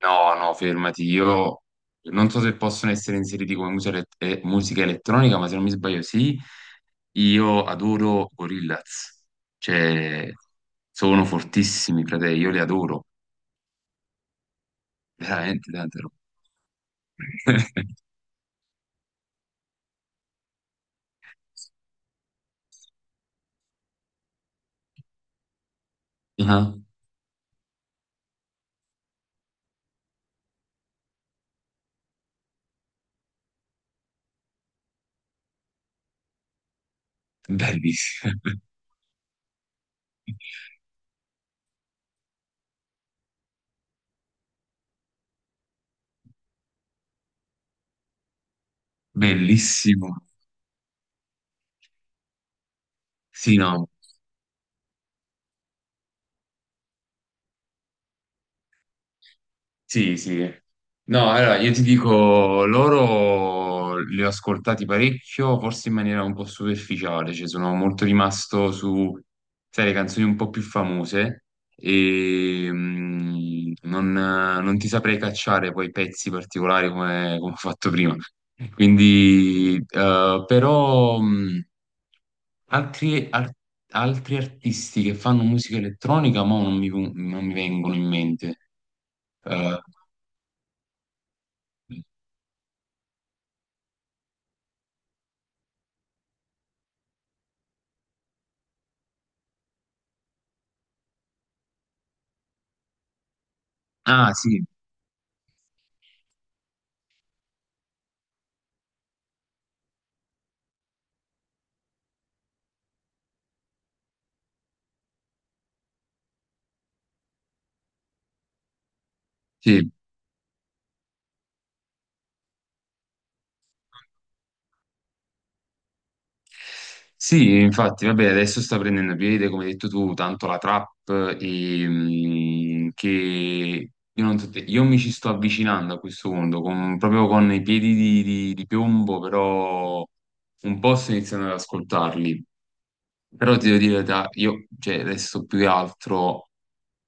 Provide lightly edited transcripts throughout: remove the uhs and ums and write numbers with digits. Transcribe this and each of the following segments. No, no, fermati. Io non so se possono essere inseriti come musica elettronica, ma se non mi sbaglio, sì. Io adoro Gorillaz. Cioè, sono fortissimi, frate. Io li adoro. Veramente, tante robe. Ah, bellissimo. Bellissimo. Sì, no. Sì, sì. No, allora io ti dico, loro li ho ascoltati parecchio, forse in maniera un po' superficiale, cioè sono molto rimasto su, sai, le canzoni un po' più famose e non ti saprei cacciare poi pezzi particolari come ho fatto prima. Quindi, però, altri, ar- altri artisti che fanno musica elettronica, ma non mi vengono in mente. Eh, Ah, sì, sì. Sì, infatti, vabbè, adesso sta prendendo piede, come hai detto tu, tanto la trap e, che io, non so te- io mi ci sto avvicinando a questo mondo, proprio con i piedi di piombo, però un po' sto iniziando ad ascoltarli. Però ti devo dire, la verità, io cioè, adesso più che altro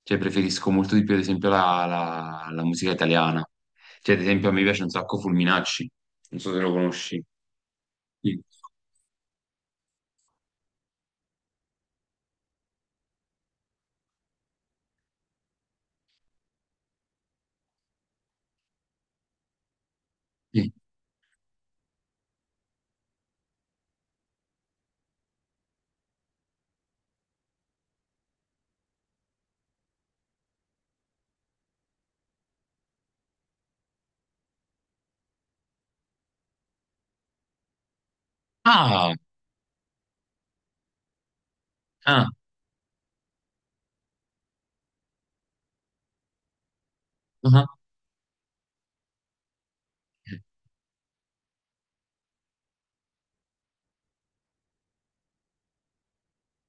cioè, preferisco molto di più, ad esempio, la, la- la musica italiana. Cioè, ad esempio, a me piace un sacco Fulminacci, non so se lo conosci. Sì. Ah, ah, ah.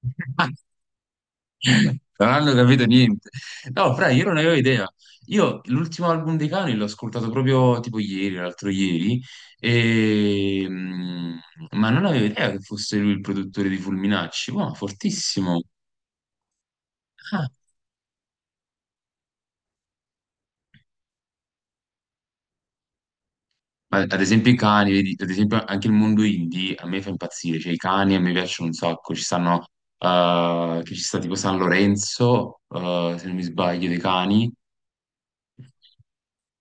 Non hanno capito niente. No, fra, io non avevo idea. Io l'ultimo album dei Cani l'ho ascoltato proprio tipo ieri, l'altro ieri, e... mm, ma non avevo idea che fosse lui il produttore di Fulminacci. Wow, fortissimo. Ah. Ma ad esempio i cani, vedi, ad esempio anche il mondo indie a me fa impazzire, cioè i cani a me piacciono un sacco, ci stanno, che ci sta tipo San Lorenzo, se non mi sbaglio, dei cani.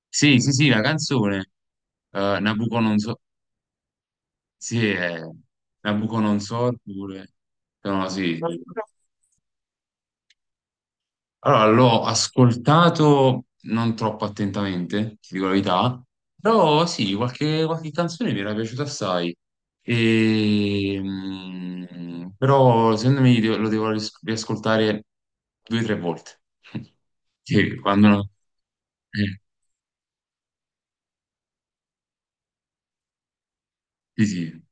Sì, sì, sì, la canzone. Nabucodonosor, sì, è Nabucodonosor pure. No, sì. Allora, l'ho ascoltato non troppo attentamente, ti dico la verità, però sì, qualche canzone mi era piaciuta assai. Però secondo me lo devo riascoltare due o tre volte. Sì, no, eh, sì, sì,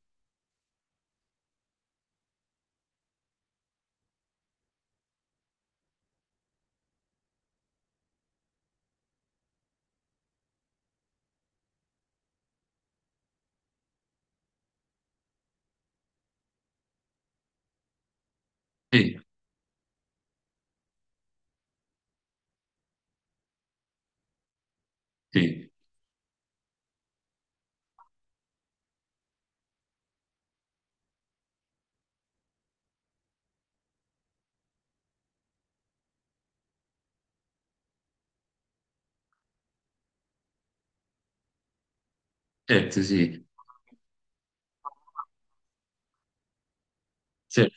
sì, sì, certo, sì. Sì. Sì.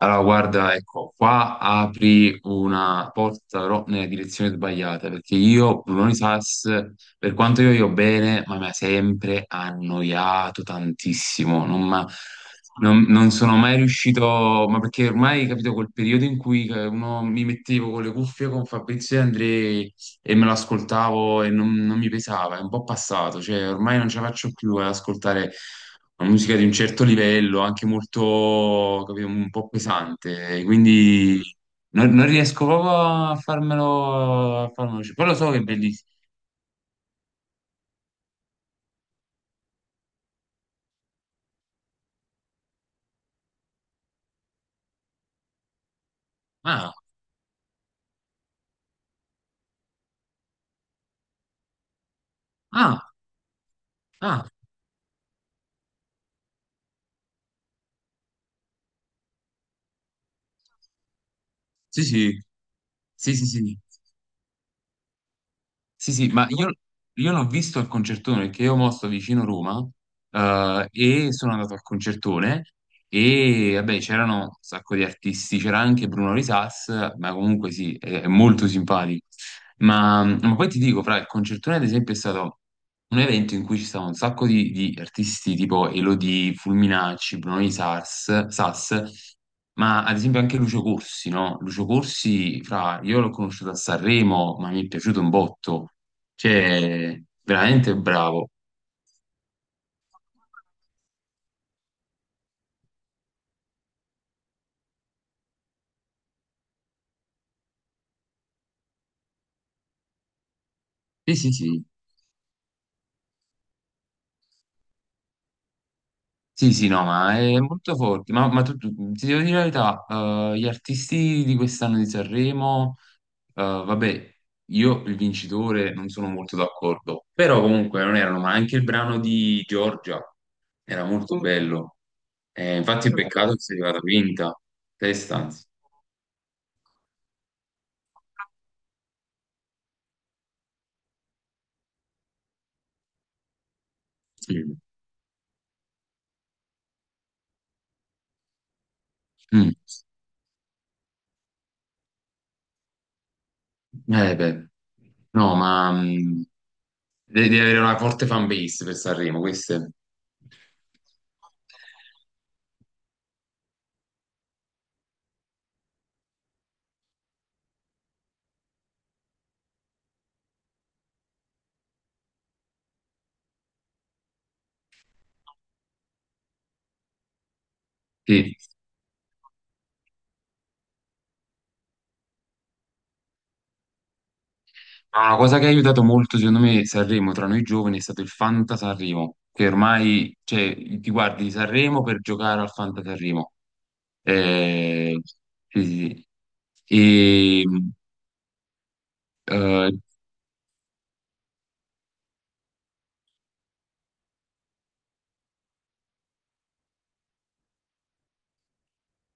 Allora, guarda, ecco, qua apri una porta però nella direzione sbagliata, perché io, Brunoni Sas, per quanto io bene, ma mi ha sempre annoiato tantissimo, non, m'ha- non- non sono mai riuscito, ma perché ormai, capito, quel periodo in cui uno mi mettevo con le cuffie con Fabrizio e Andrei e me lo ascoltavo e non mi pesava, è un po' passato, cioè ormai non ce la faccio più ad ascoltare una musica di un certo livello, anche molto, capito, un po' pesante, quindi non riesco proprio a farmelo, uscire. Poi lo so che è bellissimo. Ah, ah, ah, sì, sì, sì, sì, sì. Sì, sì, ma io l'ho visto al concertone perché io mo sto vicino Roma, e sono andato al concertone e vabbè c'erano un sacco di artisti, c'era anche Bruno Risas, ma comunque sì, è molto simpatico. Ma poi ti dico, fra il concertone ad esempio è stato un evento in cui ci stavano un sacco di artisti tipo Elodie, Fulminacci, Bruno di Sars, Sas, ma ad esempio anche Lucio Corsi, no? Lucio Corsi, fra, io l'ho conosciuto a Sanremo, ma mi è piaciuto un botto, cioè, veramente bravo. Sì, sì, sì. Sì, sì, no, ma è molto forte. Ma ti devo dire la verità, gli artisti di quest'anno di Sanremo, vabbè, io il vincitore non sono molto d'accordo, però comunque non erano, ma anche il brano di Giorgia era molto bello. Infatti è peccato che sia arrivata quinta, testa anzi. Sì. Mm. Beh. No, ma devi avere una forte fan base per Sanremo, questo è. Sì. Ma una cosa che ha aiutato molto, secondo me, Sanremo tra noi giovani è stato il Fanta Sanremo, che ormai, cioè, ti guardi Sanremo per giocare al Fanta Sanremo. Eh, sì, sì. Sì. E, eh,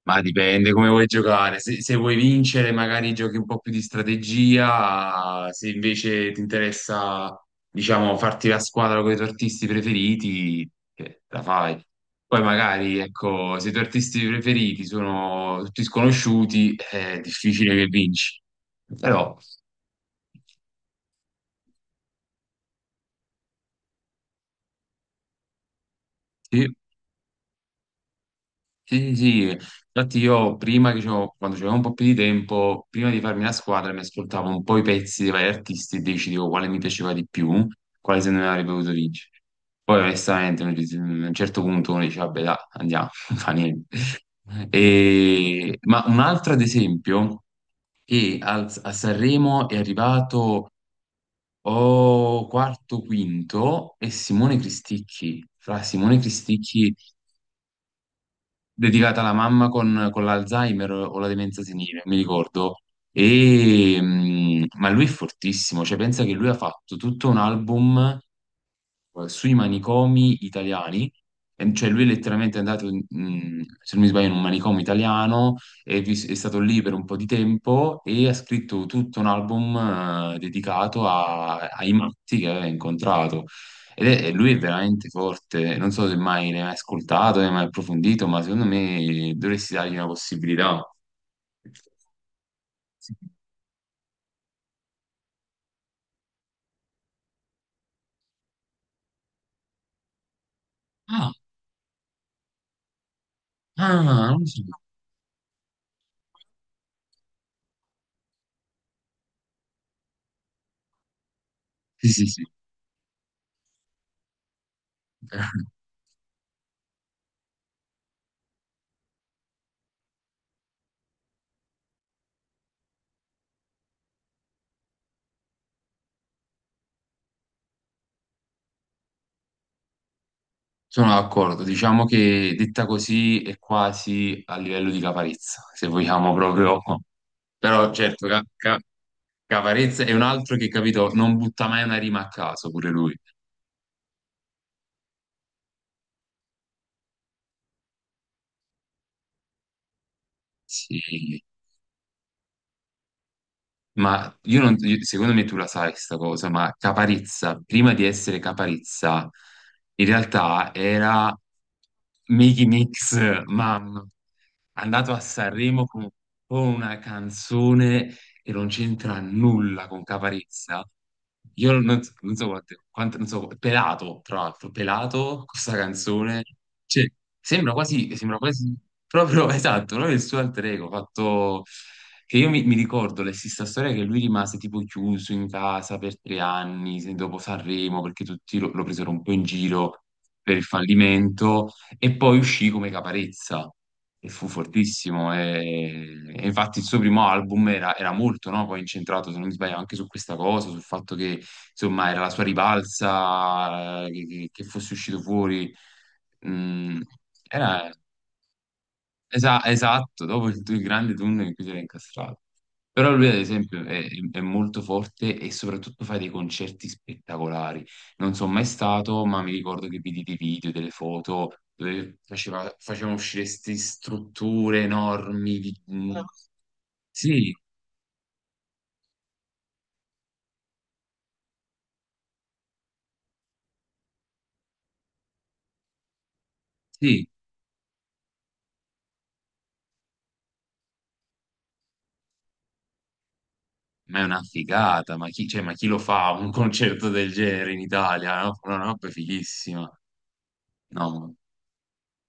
Ma dipende come vuoi giocare. Se vuoi vincere, magari giochi un po' più di strategia. Se invece ti interessa, diciamo, farti la squadra con i tuoi artisti preferiti, la fai. Poi magari, ecco, se i tuoi artisti preferiti sono tutti sconosciuti, è difficile che vinci. Però, sì. Sì, sì, sì. Infatti io prima quando c'avevo un po' più di tempo, prima di farmi la squadra mi ascoltavo un po' i pezzi dei vari artisti e decidevo quale mi piaceva di più, quale se ne avrebbe potuto vincere. Poi onestamente a un certo punto uno dice, vabbè, dai, andiamo, non fa niente. Ma un altro ad esempio, che a Sanremo è arrivato o quarto, quinto, è Simone Cristicchi. Fra Simone Cristicchi dedicata alla mamma con l'Alzheimer o la demenza senile, mi ricordo. Ma lui è fortissimo, cioè pensa che lui ha fatto tutto un album sui manicomi italiani, e cioè lui è letteralmente andato, se non mi sbaglio, in un manicomio italiano, è stato lì per un po' di tempo e ha scritto tutto un album dedicato ai matti che aveva incontrato. E lui è veramente forte, non so se mai ne hai mai ascoltato, ne hai mai approfondito, ma secondo me dovresti dargli una possibilità. Ah, ah, non lo so. Sì, sì, sì. Sono d'accordo, diciamo che detta così è quasi a livello di Caparezza, se vogliamo proprio. Però certo, Caparezza è un altro che, capito, non butta mai una rima a caso, pure lui. Sì, ma io non, io- secondo me tu la sai sta cosa, ma Caparezza, prima di essere Caparezza, in realtà era Miki Mix, mamma. Andato a Sanremo con, una canzone che non c'entra nulla con Caparezza. Io non, so non so quante- quante- non so, Pelato, tra l'altro, Pelato, questa canzone, cioè, sembra quasi, proprio esatto, proprio il suo alter ego, fatto che io mi ricordo la stessa storia che lui rimase tipo chiuso in casa per 3 anni dopo Sanremo, perché tutti lo presero un po' in giro per il fallimento e poi uscì come Caparezza e fu fortissimo. E infatti il suo primo album era molto, no, poi incentrato, se non mi sbaglio, anche su questa cosa, sul fatto che insomma era la sua ribalza, che fosse uscito fuori. Mm, era esatto, dopo il grande tunnel in cui si era incastrato. Però lui, ad esempio, è molto forte e soprattutto fa dei concerti spettacolari. Non sono mai stato, ma mi ricordo che vidi dei video, delle foto dove faceva, facevano uscire queste strutture enormi. No. Sì, sì, ma è una figata. Ma chi, cioè, ma chi lo fa un concerto del genere in Italia? No? Una roba fighissima. No.